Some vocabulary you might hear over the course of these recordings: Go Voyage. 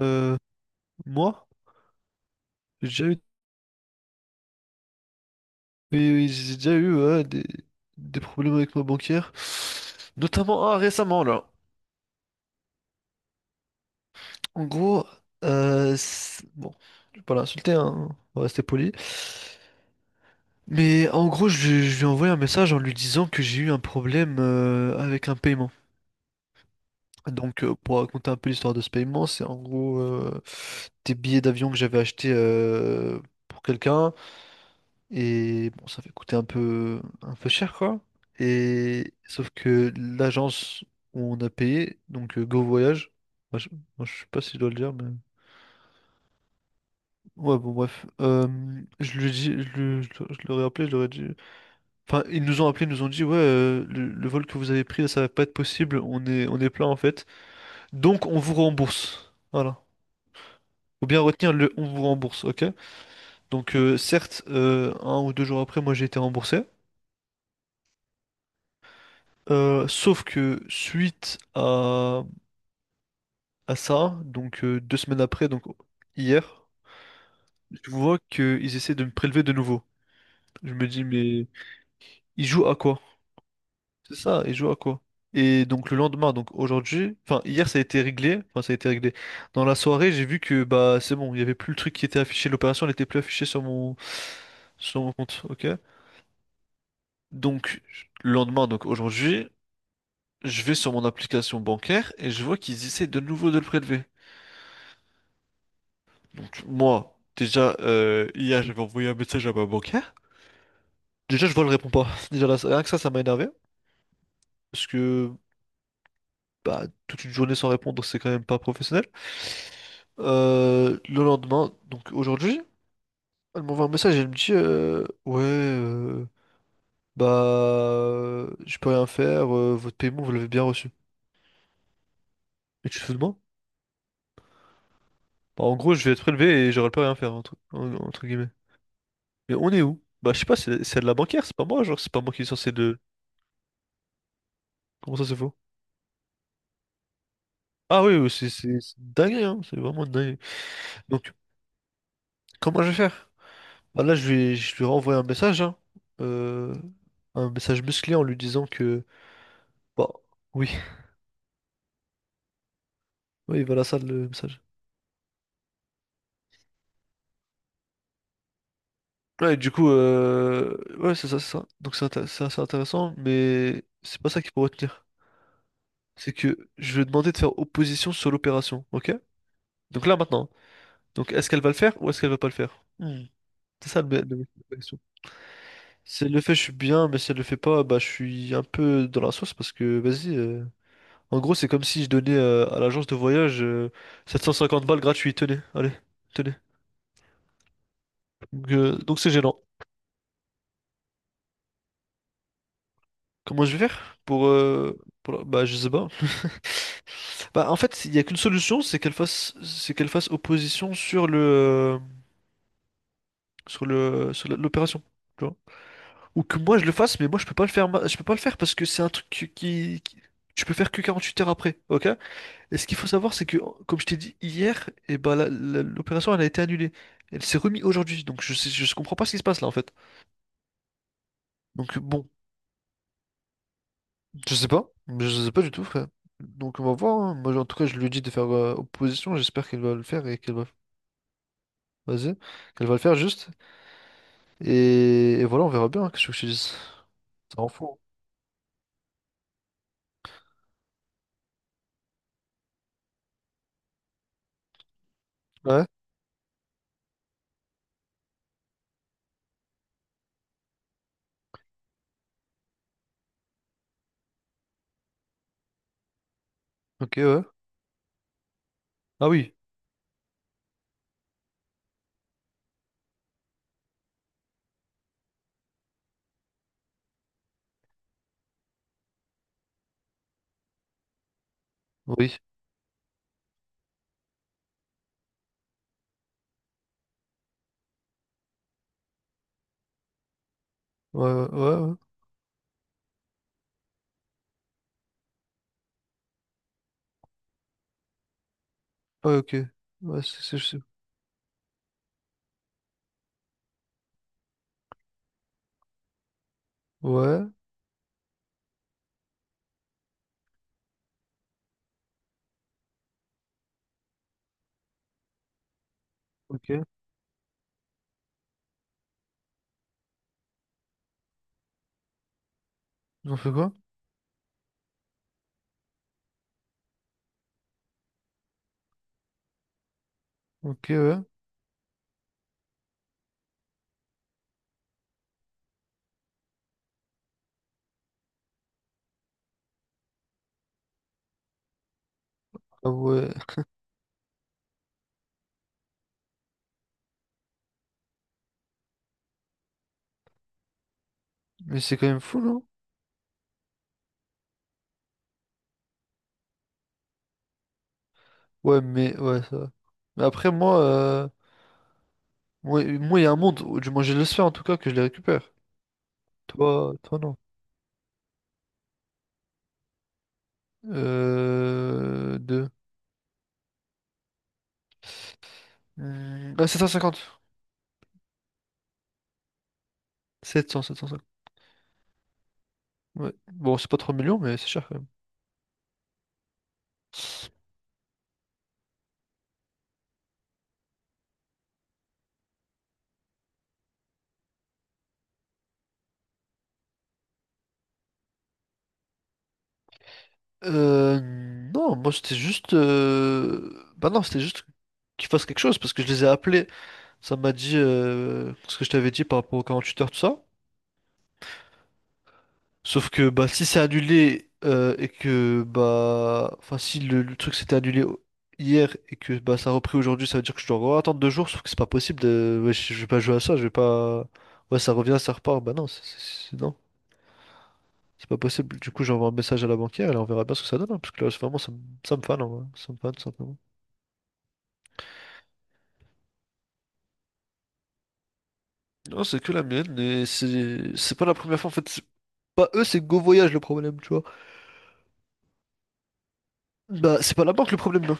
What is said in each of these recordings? Euh, Moi, j'ai déjà eu, oui, oui, j'ai déjà eu, ouais, des problèmes avec ma banquière, notamment récemment là. En gros, bon, je vais pas l'insulter, hein, on va rester poli. Mais en gros, lui je lui ai envoyé un message en lui disant que j'ai eu un problème avec un paiement. Donc, pour raconter un peu l'histoire de ce paiement, c'est en gros des billets d'avion que j'avais achetés pour quelqu'un. Et bon, ça fait coûter un peu cher, quoi. Et sauf que l'agence où on a payé, donc Go Voyage, moi je, moi, je sais pas si je dois le dire, mais ouais, bon, bref. Je lui ai dit, je leur appelé, je leur ai dit. Enfin, ils nous ont appelé, ils nous ont dit, ouais, le vol que vous avez pris, ça va pas être possible, on est plein en fait. Donc, on vous rembourse. Voilà. Faut bien retenir le on vous rembourse, ok? Donc, certes, un ou deux jours après, moi j'ai été remboursé. Sauf que suite à ça, donc 2 semaines après, donc hier, je vois qu'ils essaient de me prélever de nouveau. Je me dis, mais ils jouent à quoi? C'est ça, ils jouent à quoi? Et donc le lendemain, donc aujourd'hui, enfin hier ça a été réglé, enfin ça a été réglé. Dans la soirée, j'ai vu que bah c'est bon, il y avait plus le truc qui était affiché, l'opération n'était plus affichée sur mon compte, ok? Donc le lendemain, donc aujourd'hui, je vais sur mon application bancaire et je vois qu'ils essaient de nouveau de le prélever. Donc moi, déjà, hier, j'avais envoyé un message à ma bancaire. Déjà, je vois, elle répond pas. Déjà, là, rien que ça m'a énervé. Parce que bah, toute une journée sans répondre, c'est quand même pas professionnel. Le lendemain, donc aujourd'hui, elle m'envoie un message et elle me dit ouais, bah, je peux rien faire, votre paiement, vous l'avez bien reçu. Et tu te fous de moi? Bah, en gros, je vais être prélevé et j'aurai pas rien faire, entre guillemets. Mais on est où? Bah, je sais pas, c'est de la bancaire, c'est pas moi, genre, c'est pas moi qui est censé de. Comment ça, c'est faux? Ah oui, oui, c'est une hein, c'est vraiment dingue. Donc, comment je vais faire? Bah là, je lui renvoyer un message, hein, euh, un message musclé en lui disant que... bah, oui, oui, voilà ça le message. Ouais, et du coup, ouais, c'est ça, c'est ça. Donc c'est assez intéressant, mais c'est pas ça qu'il faut retenir. C'est que je vais demander de faire opposition sur l'opération, ok? Donc là, maintenant. Donc est-ce qu'elle va le faire ou est-ce qu'elle va pas le faire? Hmm. C'est ça la question. C'est le fait, je suis bien, mais si elle le fait pas, bah je suis un peu dans la sauce parce que vas-y. En gros, c'est comme si je donnais à l'agence de voyage 750 balles gratuites. Tenez, allez, tenez. Donc c'est gênant. Comment je vais faire pour, bah je sais pas. Bah en fait, il y a qu'une solution, c'est qu'elle fasse opposition sur l'opération. Tu vois. Ou que moi je le fasse, mais moi je peux pas le faire, je peux pas le faire parce que c'est un truc je peux faire que 48 heures après, ok? Et ce qu'il faut savoir, c'est que, comme je t'ai dit hier, et bah, l'opération elle a été annulée. Elle s'est remise aujourd'hui, donc je comprends pas ce qui se passe là en fait. Donc bon, je sais pas, je sais pas du tout, frère. Donc on va voir, hein. Moi, en tout cas, je lui dis de faire opposition. J'espère qu'elle va le faire et qu'elle va, vas-y, qu'elle va le faire juste. Et voilà, on verra bien, hein. Qu'est-ce que je te dise? Ça en fout. Ouais. Ok, ouais. Ah oui. Oui. Ouais, ouais, ouais. Ouais, ouais, ok. Ouais, Ouais. Ok. Ils ont fait quoi? Ok, ouais. Ah ouais. Mais c'est quand même fou, non? Ouais, mais ouais, ça va. Mais après, moi, il y a un monde, du moins, je l'espère en tout cas que je les récupère. Toi, toi, non. Deux. Hmm, ah, sept cent 750. Ouais. Bon, c'est pas 3 millions, mais c'est cher quand même. Euh, non, moi, c'était juste. Bah non, c'était juste qu'ils fassent quelque chose parce que je les ai appelés. Ça m'a dit ce que je t'avais dit par rapport aux 48 heures, tout ça. Sauf que bah si c'est annulé et que bah enfin si le truc s'était annulé hier et que bah ça a repris aujourd'hui, ça veut dire que je dois encore attendre 2 jours, sauf que c'est pas possible de ouais, je vais pas jouer à ça, je vais pas ouais ça revient, ça repart, bah non, non, c'est pas possible. Du coup j'envoie un message à la banquière et là, on verra bien ce que ça donne, hein, parce que là c'est vraiment ça, ça me fane en vrai. Ça me fane tout simplement. Non, c'est que la mienne et c'est pas la première fois en fait, c'est pas eux, c'est Go Voyage le problème, tu vois. Bah c'est pas la banque le problème.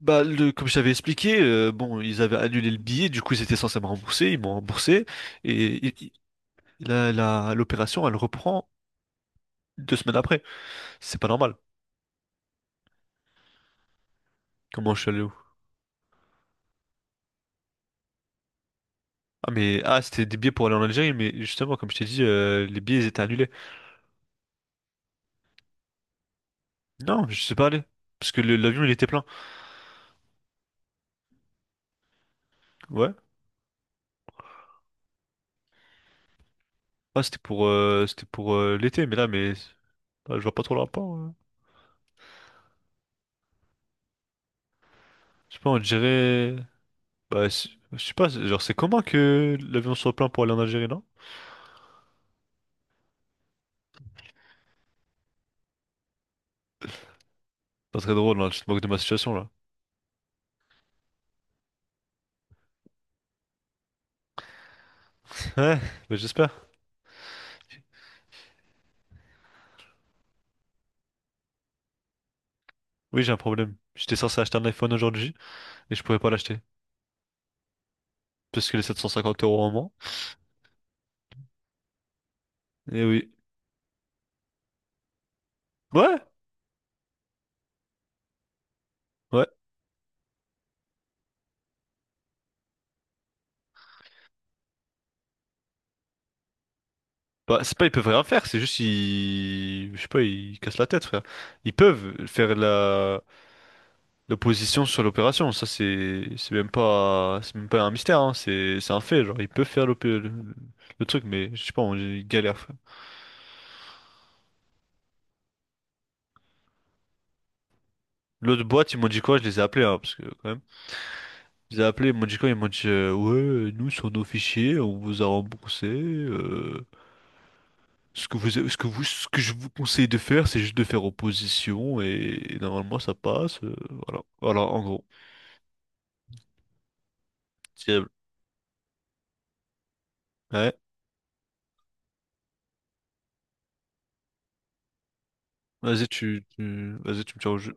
Bah, comme je t'avais expliqué, bon, ils avaient annulé le billet, du coup, ils étaient censés me rembourser, ils m'ont remboursé, et l'opération, elle reprend 2 semaines après. C'est pas normal. Comment je suis allé où? Ah, mais, c'était des billets pour aller en Algérie, mais justement, comme je t'ai dit, les billets, ils étaient annulés. Non, je sais pas aller, parce que l'avion, il était plein. Ouais, c'était pour l'été, mais là, je vois pas trop le rapport. Je sais pas, on dirait, bah, je sais pas, genre, c'est comment que l'avion soit plein pour aller en Algérie, non? Pas très drôle, là, je te moque de ma situation, là. Ouais, bah j'espère. Oui, j'ai un problème. J'étais censé acheter un iPhone aujourd'hui et je pouvais pas l'acheter. Parce que les 750 € en moins. Et oui. Ouais, ouais. Bah, c'est pas ils peuvent rien faire, c'est juste ils. Je sais pas, ils cassent la tête, frère. Ils peuvent faire la l'opposition sur l'opération. Ça, c'est même pas un mystère, hein. C'est un fait. Genre, ils peuvent faire le truc, mais je sais pas, ils galèrent, frère. L'autre boîte, ils m'ont dit quoi? Je les ai appelés, hein, parce que quand même. Ils ont appelé, ils m'ont dit quoi? Ils m'ont dit ouais, nous sur nos fichiers, on vous a remboursé. Ce que je vous conseille de faire, c'est juste de faire opposition et normalement ça passe. Voilà, voilà, en gros. Diable. Ouais. Vas-y, vas-y, tu me tiens au jeu.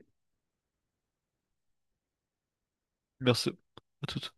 Merci. À toute.